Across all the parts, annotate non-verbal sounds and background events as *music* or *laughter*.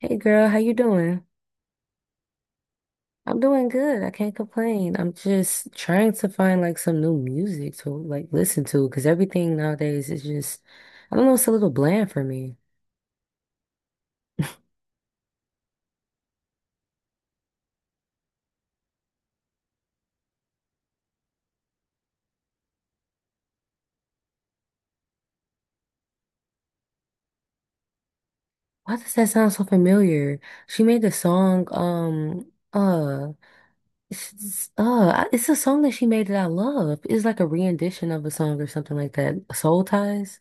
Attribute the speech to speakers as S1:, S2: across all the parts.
S1: Hey girl, how you doing? I'm doing good. I can't complain. I'm just trying to find like some new music to like listen to because everything nowadays is just, I don't know, it's a little bland for me. Why does that sound so familiar? She made the song, it's, uh, it's a song that she made that I love. It's like a rendition of a song or something like that. Soul Ties?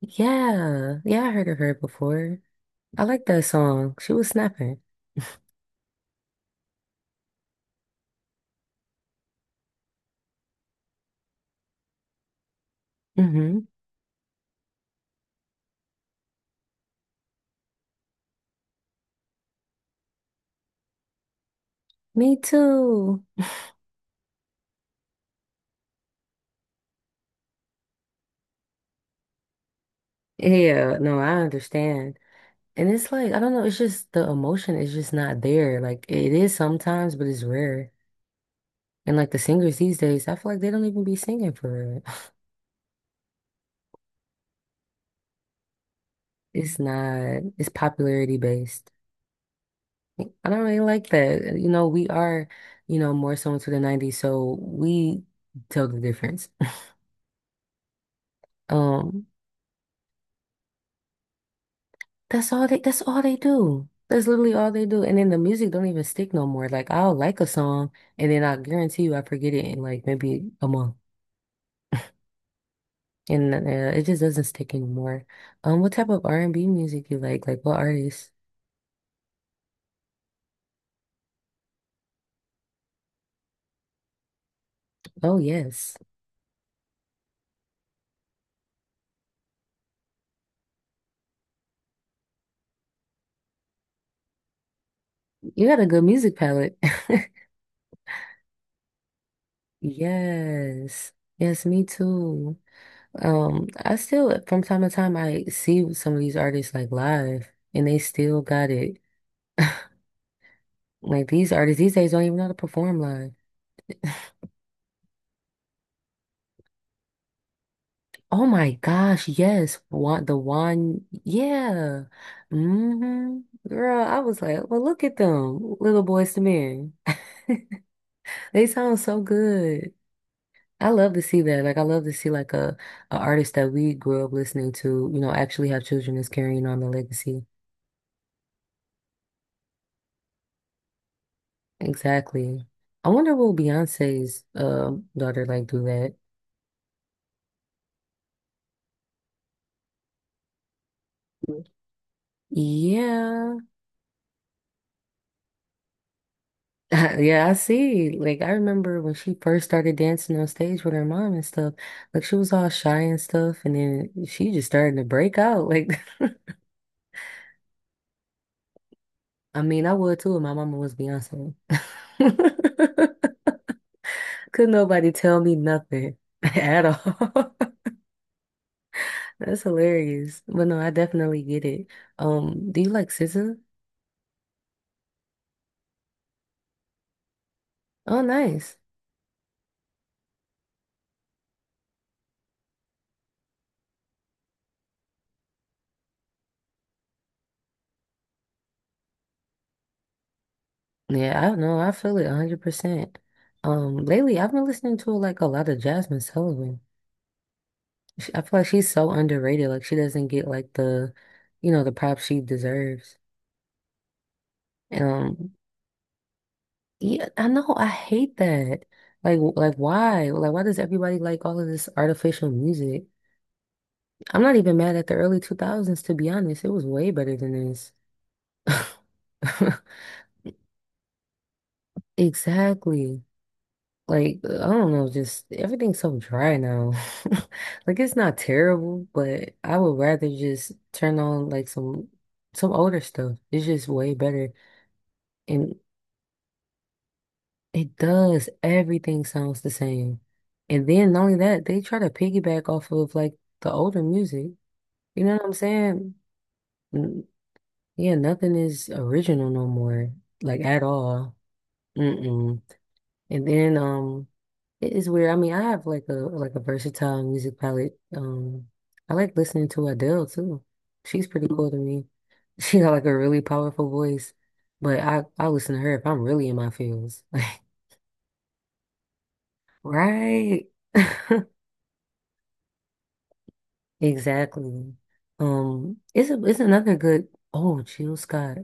S1: Yeah. Yeah, I heard of her before. I like that song. She was snapping. Mm-hmm. Me too. Yeah, no, I understand. And it's like, I don't know, it's just the emotion is just not there. Like it is sometimes, but it's rare. And like the singers these days, I feel like they don't even be singing for real. *laughs* It's not, it's popularity based. I don't really like that. You know, we are, you know, more so into the 90s, so we tell the difference. *laughs* Um, that's all they do. That's literally all they do. And then the music don't even stick no more. Like I'll like a song and then I guarantee you I forget it in like maybe a month. And it just doesn't stick anymore. What type of R&B music you like? Like what artists? Oh yes, you got a good music palette. *laughs* Yes. Yes, me too. I still from time to time I see some of these artists like live and they still got it. Like these artists these days don't even know how to perform live. Oh my gosh, yes. One the one yeah. Mm-hmm. Girl, I was like, well look at them, little boys to men. They sound so good. I love to see that. Like I love to see like a artist that we grew up listening to, you know, actually have children that's carrying on the legacy. Exactly. I wonder will Beyonce's daughter like do that? Mm. Yeah. *laughs* Yeah, I see. Like I remember when she first started dancing on stage with her mom and stuff, like she was all shy and stuff, and then she just started to break out. Like *laughs* I mean, I would too if my mama was Beyonce. *laughs* Could nobody tell me nothing *laughs* at all? *laughs* That's hilarious. But no, I definitely get it. Do you like SZA? Oh, nice. Yeah, I don't know. I feel it 100%. Lately I've been listening to like a lot of Jasmine Sullivan. She, I feel like she's so underrated. Like she doesn't get like the, you know, the props she deserves. Um, yeah, I know. I hate that. Like, like why? Like, why does everybody like all of this artificial music? I'm not even mad at the early 2000s, to be honest. It was way better than this. *laughs* Exactly. Like, I don't know, just everything's so dry now. *laughs* Like, it's not terrible, but I would rather just turn on like some older stuff. It's just way better. And it does, everything sounds the same. And then not only that, they try to piggyback off of like the older music. You know what I'm saying? Yeah, nothing is original no more, like at all. Mm-mm. And then it is weird. I mean, I have like a versatile music palette. I like listening to Adele too. She's pretty cool to me. *laughs* She got like a really powerful voice, but I listen to her if I'm really in my feels. *laughs* Like, right? *laughs* Exactly. It's another good. Oh, Jill Scott.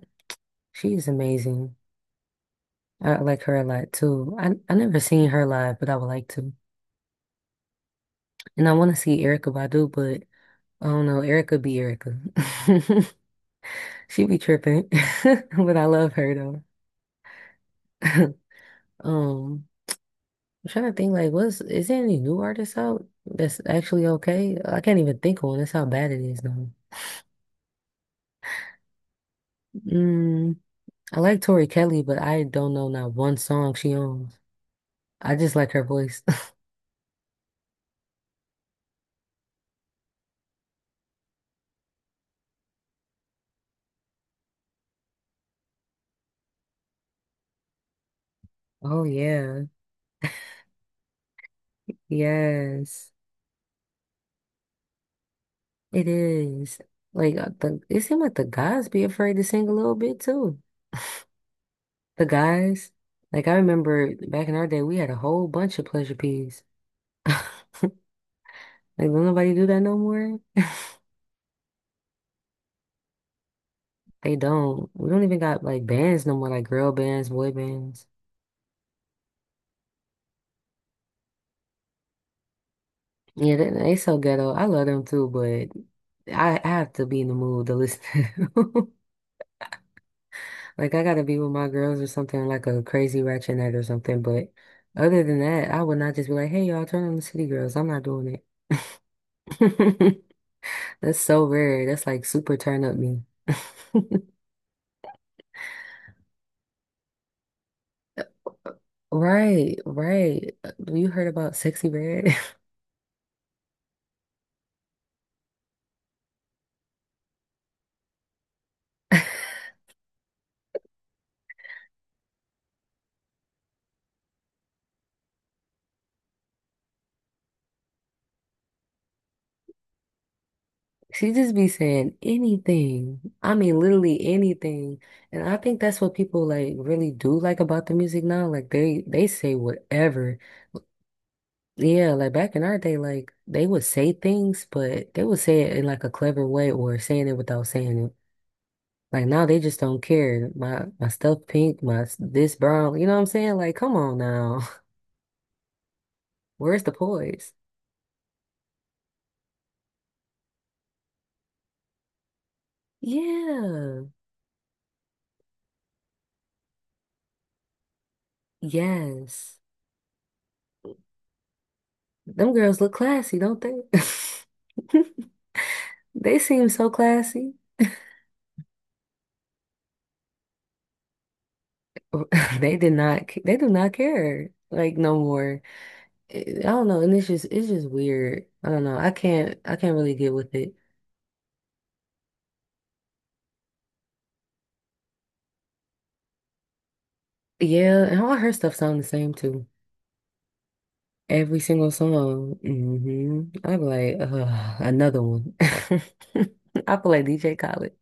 S1: She is amazing. I like her a lot too. I never seen her live, but I would like to. And I want to see Erica Badu, but I don't know. Erica be Erica. *laughs* She be tripping, *laughs* but I love her though. *laughs* Um, I'm trying to think like, what's is there any new artists out that's actually okay? I can't even think of one. That's how bad it is now. Mm, I like Tori Kelly, but I don't know not one song she owns. I just like her voice. *laughs* Oh yeah, yes. It is. Like the it seemed like the guys be afraid to sing a little bit too. The guys. Like I remember back in our day we had a whole bunch of pleasure peas. *laughs* Like don't nobody do that no more? They don't. We don't even got like bands no more, like girl bands, boy bands. Yeah, they so ghetto. I love them too, but I have to be in the mood to listen to them. *laughs* Like I gotta be with my girls or something, like a crazy ratchet night or something, but other than that, I would not just be like, hey, y'all, turn on the City Girls. I'm not doing it. *laughs* That's so rare. That's like super turn up me. *laughs* Right, right. You heard about Sexy Red? *laughs* She just be saying anything. I mean, literally anything. And I think that's what people like really do like about the music now. Like they say whatever. Yeah, like back in our day, like they would say things, but they would say it in like a clever way or saying it without saying it. Like now they just don't care. My stuff pink, this brown. You know what I'm saying? Like come on now. Where's the poise? Yeah. Yes. Them girls look classy, don't they? *laughs* They seem so classy. *laughs* They did not, they do not care. Like no more. I don't know. And it's just weird. I don't know. I can't really get with it. Yeah. And all her stuff sound the same too. Every single song. Mm-hmm. I'm like, ugh, another one. *laughs* I feel like DJ Khaled.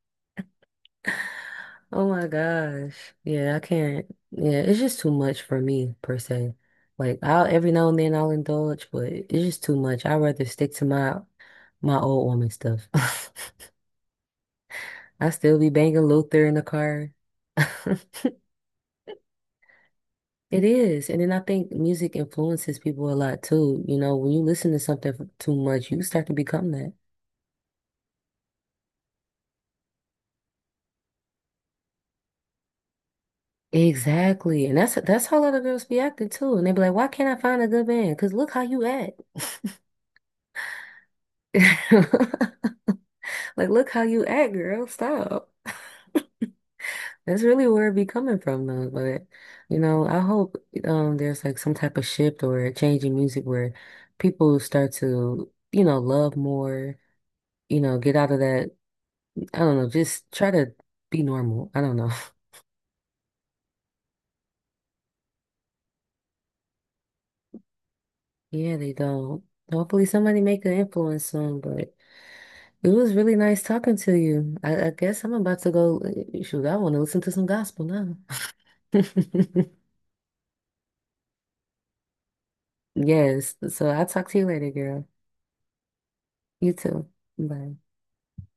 S1: Oh my gosh. Yeah, I can't. Yeah, it's just too much for me per se. Like I'll every now and then I'll indulge, but it's just too much. I'd rather stick to my old woman stuff. *laughs* I still be banging Luther in the car. *laughs* It is. And then I think music influences people a lot too. You know, when you listen to something for too much, you start to become that. Exactly. And that's how a lot of girls be acting too. And they be like, why can't I find a good man? Because look how you act. *laughs* Like, look how you act, girl. Stop. *laughs* That's really where it be coming from, though. But you know, I hope there's like some type of shift or a change in music where people start to, you know, love more, you know, get out of that. I don't know, just try to be normal. I don't know. *laughs* Yeah, they don't. Hopefully somebody make an influence soon, but it was really nice talking to you. I guess I'm about to go, shoot, I want to listen to some gospel now. *laughs* Yes. So I'll talk to you later, girl. You too. Bye.